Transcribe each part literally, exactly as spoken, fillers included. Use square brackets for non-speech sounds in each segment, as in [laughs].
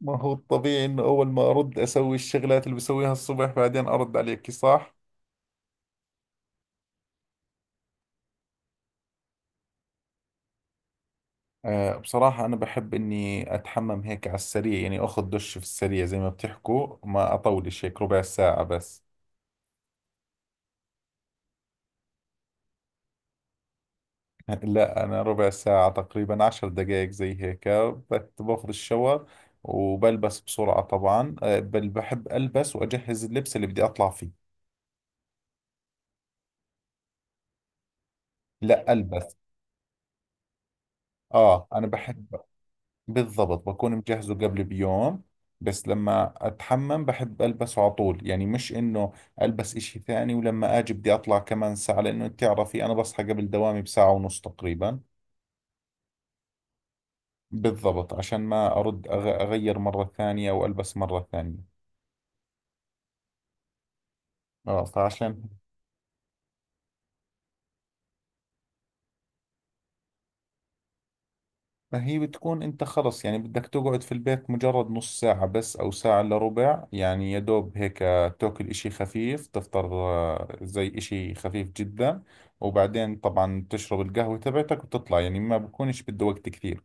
ما هو الطبيعي انه اول ما ارد اسوي الشغلات اللي بسويها الصبح، بعدين ارد عليك، صح؟ آه بصراحة انا بحب اني اتحمم هيك على السريع، يعني اخذ دش في السريع زي ما بتحكوا، ما اطولش هيك، ربع ساعة بس. [laughs] لا، انا ربع ساعة تقريبا، عشر دقائق زي هيك. بت- باخذ الشاور وبلبس بسرعة طبعا. آه بل بحب البس واجهز اللبس اللي بدي اطلع فيه. لا، البس. اه، انا بحب. بالضبط، بكون مجهزه قبل بيوم. بس لما اتحمم بحب البسه على طول، يعني مش انه البس اشي ثاني ولما اجي بدي اطلع كمان ساعة، لانه انت تعرفي انا بصحى قبل دوامي بساعة ونص تقريبا. بالضبط، عشان ما ارد أغ- اغير مرة ثانية والبس مرة ثانية. اه فعشان. ما هي بتكون انت خلص، يعني بدك تقعد في البيت مجرد نص ساعة بس او ساعة الا ربع، يعني يا دوب هيك تاكل اشي خفيف، تفطر، آه، زي اشي خفيف جدا. وبعدين طبعا تشرب القهوة تبعتك وتطلع، يعني ما بكونش بده وقت كثير.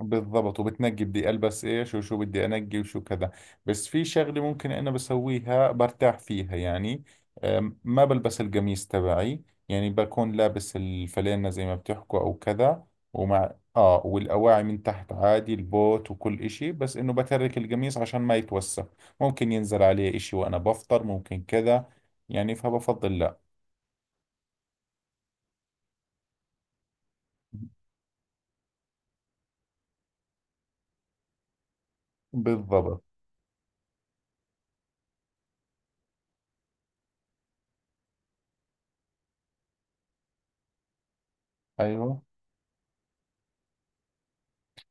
بالضبط، وبتنقي بدي البس ايش وشو بدي انقي وشو كذا. بس في شغله ممكن انا بسويها برتاح فيها يعني. أم، ما بلبس القميص تبعي، يعني بكون لابس الفلينة زي ما بتحكوا او كذا. ومع اه والاواعي من تحت عادي، البوت وكل اشي، بس انه بترك القميص عشان ما يتوسخ. ممكن ينزل عليه اشي وانا بفطر، ممكن كذا، يعني. فبفضل لا. بالضبط. ايوه،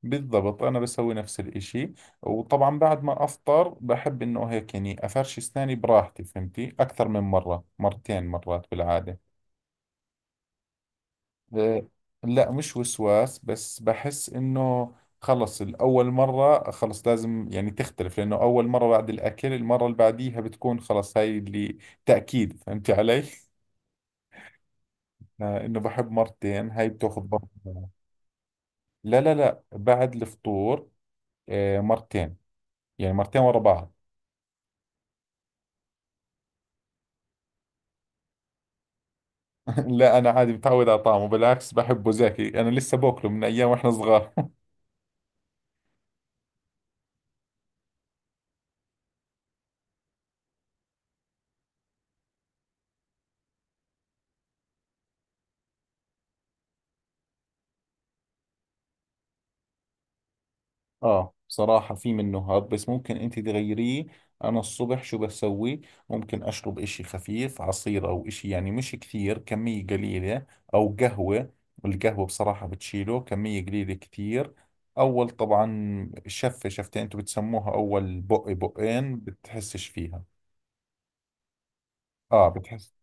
بالضبط، أنا بسوي نفس الإشي. وطبعا بعد ما أفطر بحب إنه هيك، يعني أفرش أسناني براحتي، فهمتي؟ أكثر من مرة، مرتين، مرات بالعادة. أه، لا، مش وسواس، بس بحس إنه خلص الأول مرة خلص لازم يعني تختلف، لأنه أول مرة بعد الأكل، المرة اللي بعديها بتكون خلص هاي اللي تأكيد. فهمتي علي؟ [laughs] آه، إنه بحب مرتين، هاي بتاخذ برضه. لا لا لا، بعد الفطور. آه، مرتين، يعني مرتين ورا بعض. لا، انا عادي متعود على طعمه، بالعكس بحبه زاكي، انا لسه باكله من ايام واحنا صغار. [laughs] اه بصراحة في منه هاب، بس ممكن انت تغيريه. انا الصبح شو بسوي؟ ممكن اشرب اشي خفيف، عصير او اشي، يعني مش كثير، كمية قليلة. او قهوة. القهوة بصراحة بتشيله، كمية قليلة كثير. اول طبعا شفة شفتين، انتوا بتسموها اول بق بقين، بتحسش فيها. اه، بتحس.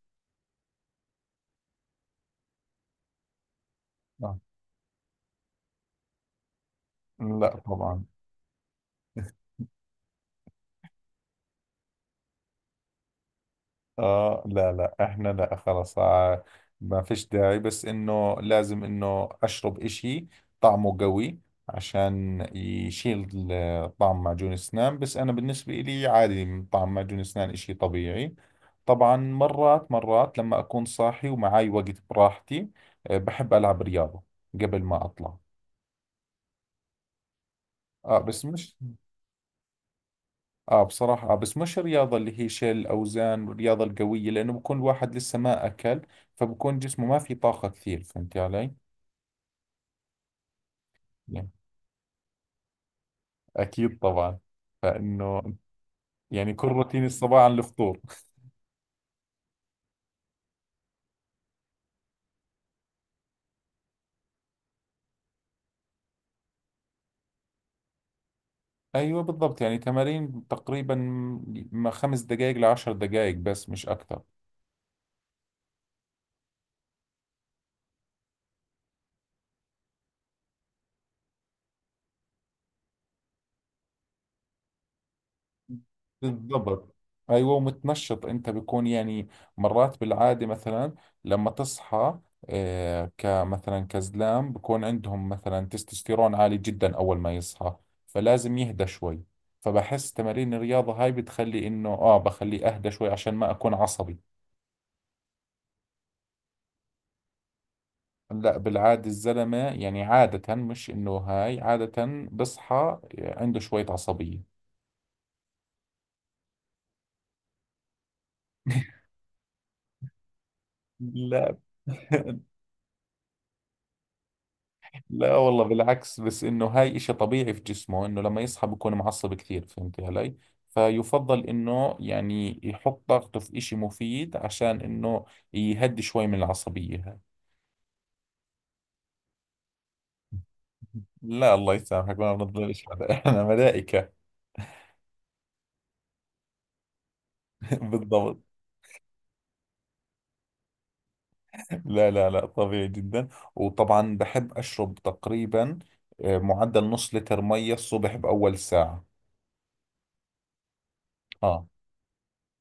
آه. لا طبعا. اه، لا لا، احنا لا، خلاص آه، ما فيش داعي، بس انه لازم انه اشرب اشي طعمه قوي عشان يشيل ال- طعم معجون الاسنان. بس انا بالنسبة لي عادي، من طعم معجون الاسنان اشي طبيعي. طبعا مرات مرات لما اكون صاحي ومعاي وقت براحتي، آه، بحب العب رياضة قبل ما اطلع. اه، بس مش. اه بصراحة، آه بس مش الرياضة اللي هي شيل الأوزان والرياضة القوية، لأنه بكون الواحد لسه ما أكل، فبكون جسمه ما في طاقة كثير، فهمتي علي؟ يعني أكيد طبعا. فإنه يعني كل روتيني الصباح عن الفطور. [laughs] أيوة، بالضبط، يعني تمارين تقريبا، ما خمس دقائق لعشر دقائق بس، مش أكثر. بالضبط. ايوه، ومتنشط انت بيكون يعني، مرات بالعاده مثلا لما تصحى، آه، كمثلا كزلام بكون عندهم مثلا تستوستيرون عالي جدا اول ما يصحى، فلازم يهدى شوي. فبحس تمارين الرياضه هاي بتخلي انه اه بخليه اهدى شوي عشان ما اكون عصبي. لا، بالعاده الزلمه يعني عاده، مش انه هاي عاده، بصحى عنده شويه عصبيه. [laughs] لا، لا والله، بالعكس، بس انه هاي اشي طبيعي في جسمه، انه لما يصحى بكون معصب كثير، فهمتي علي؟ فيفضل انه يعني يحط طاقته في اشي مفيد عشان انه يهدي شوي من العصبية هاي. لا، الله يسامحك، ما بنظلمش حدا. [laughs] احنا ملائكة. [laughs] بالضبط. لا لا لا، طبيعي جدا. وطبعا بحب اشرب تقريبا، آه، معدل نص لتر مية الصبح باول ساعة. اه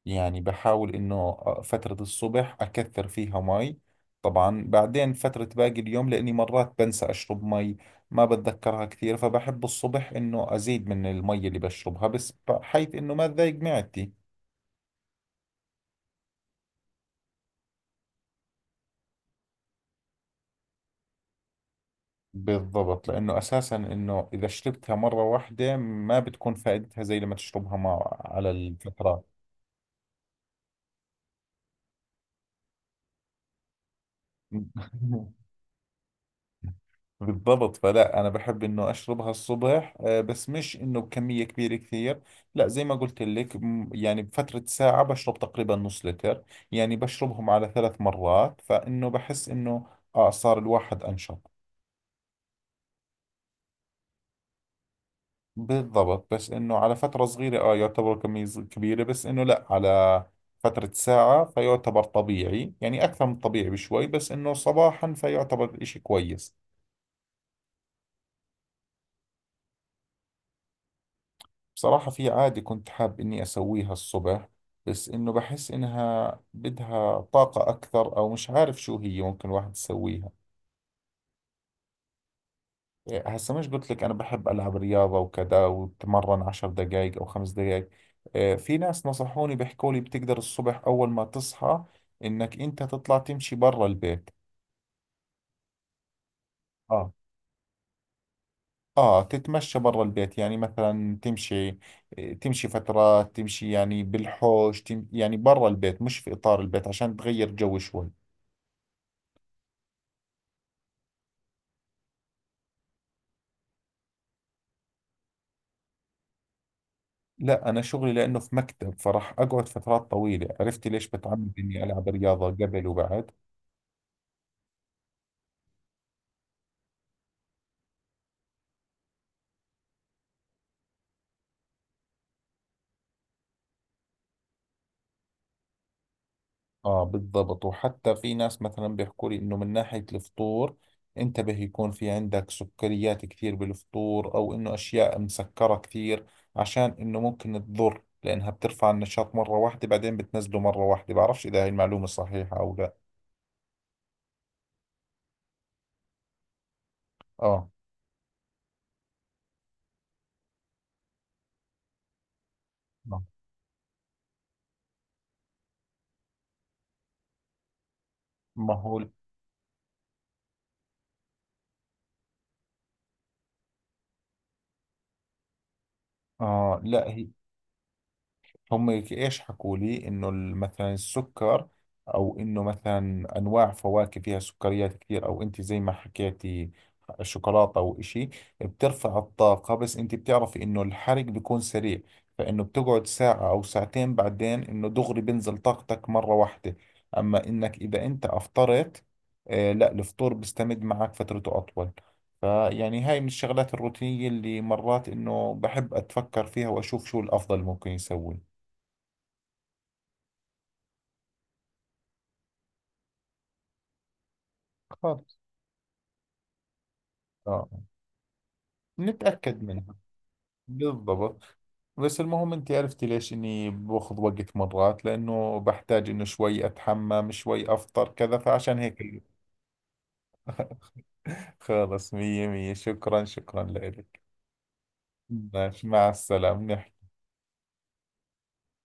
يعني بحاول إنه فترة الصبح أكثر فيها مي، طبعا بعدين فترة باقي اليوم، لأني مرات بنسى أشرب مي، ما بتذكرها كثير، فبحب الصبح إنه أزيد من المي اللي بشربها، بس بحيث إنه ما تضايق معدتي. بالضبط، لأنه أساسا إنه إذا شربتها مرة واحدة ما بتكون فائدتها زي لما تشربها مع على الفترات. [laughs] بالضبط، فلا، أنا بحب إنه أشربها الصبح، آه، بس مش إنه بكمية كبيرة كثير. لا، زي ما قلت لك، م- يعني بفترة ساعة بشرب تقريبا نص لتر، يعني بشربهم على ثلاث مرات، فإنه بحس إنه آه صار الواحد أنشط. بالضبط، بس إنه على فترة صغيرة آه يعتبر كمية صغ- كبيرة، بس إنه لا، على فترة ساعة فيعتبر طبيعي، يعني أكثر من طبيعي بشوي، بس إنه صباحا فيعتبر إشي كويس. بصراحة في عادة كنت حاب إني أسويها الصبح، بس إنه بحس إنها بدها طاقة أكثر، أو مش عارف شو هي، ممكن الواحد يسويها. إيه، هسا مش قلت لك أنا بحب ألعب رياضة وكذا وبتمرن عشر دقايق أو خمس دقايق. إيه، في ناس نصحوني بيحكوا لي بتقدر الصبح أول ما تصحى إنك أنت تطلع تمشي برا البيت. آه. آه، تتمشى برا البيت، يعني مثلا تمشي، تمشي فترات، تمشي يعني بالحوش، تم يعني برا البيت مش في إطار البيت عشان تغير جو شوي. لا، أنا شغلي لأنه في مكتب، فراح أقعد فترات طويلة، عرفتي ليش بتعمد إني ألعب رياضة قبل وبعد؟ اه، بالضبط. وحتى في ناس مثلا بيحكوا لي انه من ناحية الفطور انتبه يكون في عندك سكريات كثير بالفطور، او انه اشياء مسكرة كثير، عشان انه ممكن تضر، لانها بترفع النشاط مرة واحدة بعدين بتنزله مرة واحدة، بعرفش اذا هاي المعلومة صحيحة او لا. اه. آه. ما هو. اه، لا، هي هم ايش حكوا لي، انه ال- مثلا السكر، او انه مثلا انواع فواكه فيها سكريات كثير، او انت زي ما حكيتي شوكولاته او اشي، بترفع الطاقه، بس انت بتعرفي انه الحرق بيكون سريع، فانه بتقعد ساعه او ساعتين بعدين انه دغري بنزل طاقتك مره واحده. اما انك اذا انت افطرت، آه، لا، الفطور بيستمد معك فترته اطول، فيعني هاي من الشغلات الروتينية اللي مرات إنه بحب أتفكر فيها وأشوف شو الأفضل ممكن يسوي. خالص. اه، نتأكد منها. بالضبط. بس المهم انت عرفتي ليش اني باخذ وقت مرات، لانه بحتاج انه شوي اتحمم، شوي افطر، كذا، فعشان هيك. [laughs] خلص، مية مية، شكرا شكرا لك. ماشي، مع السلامة.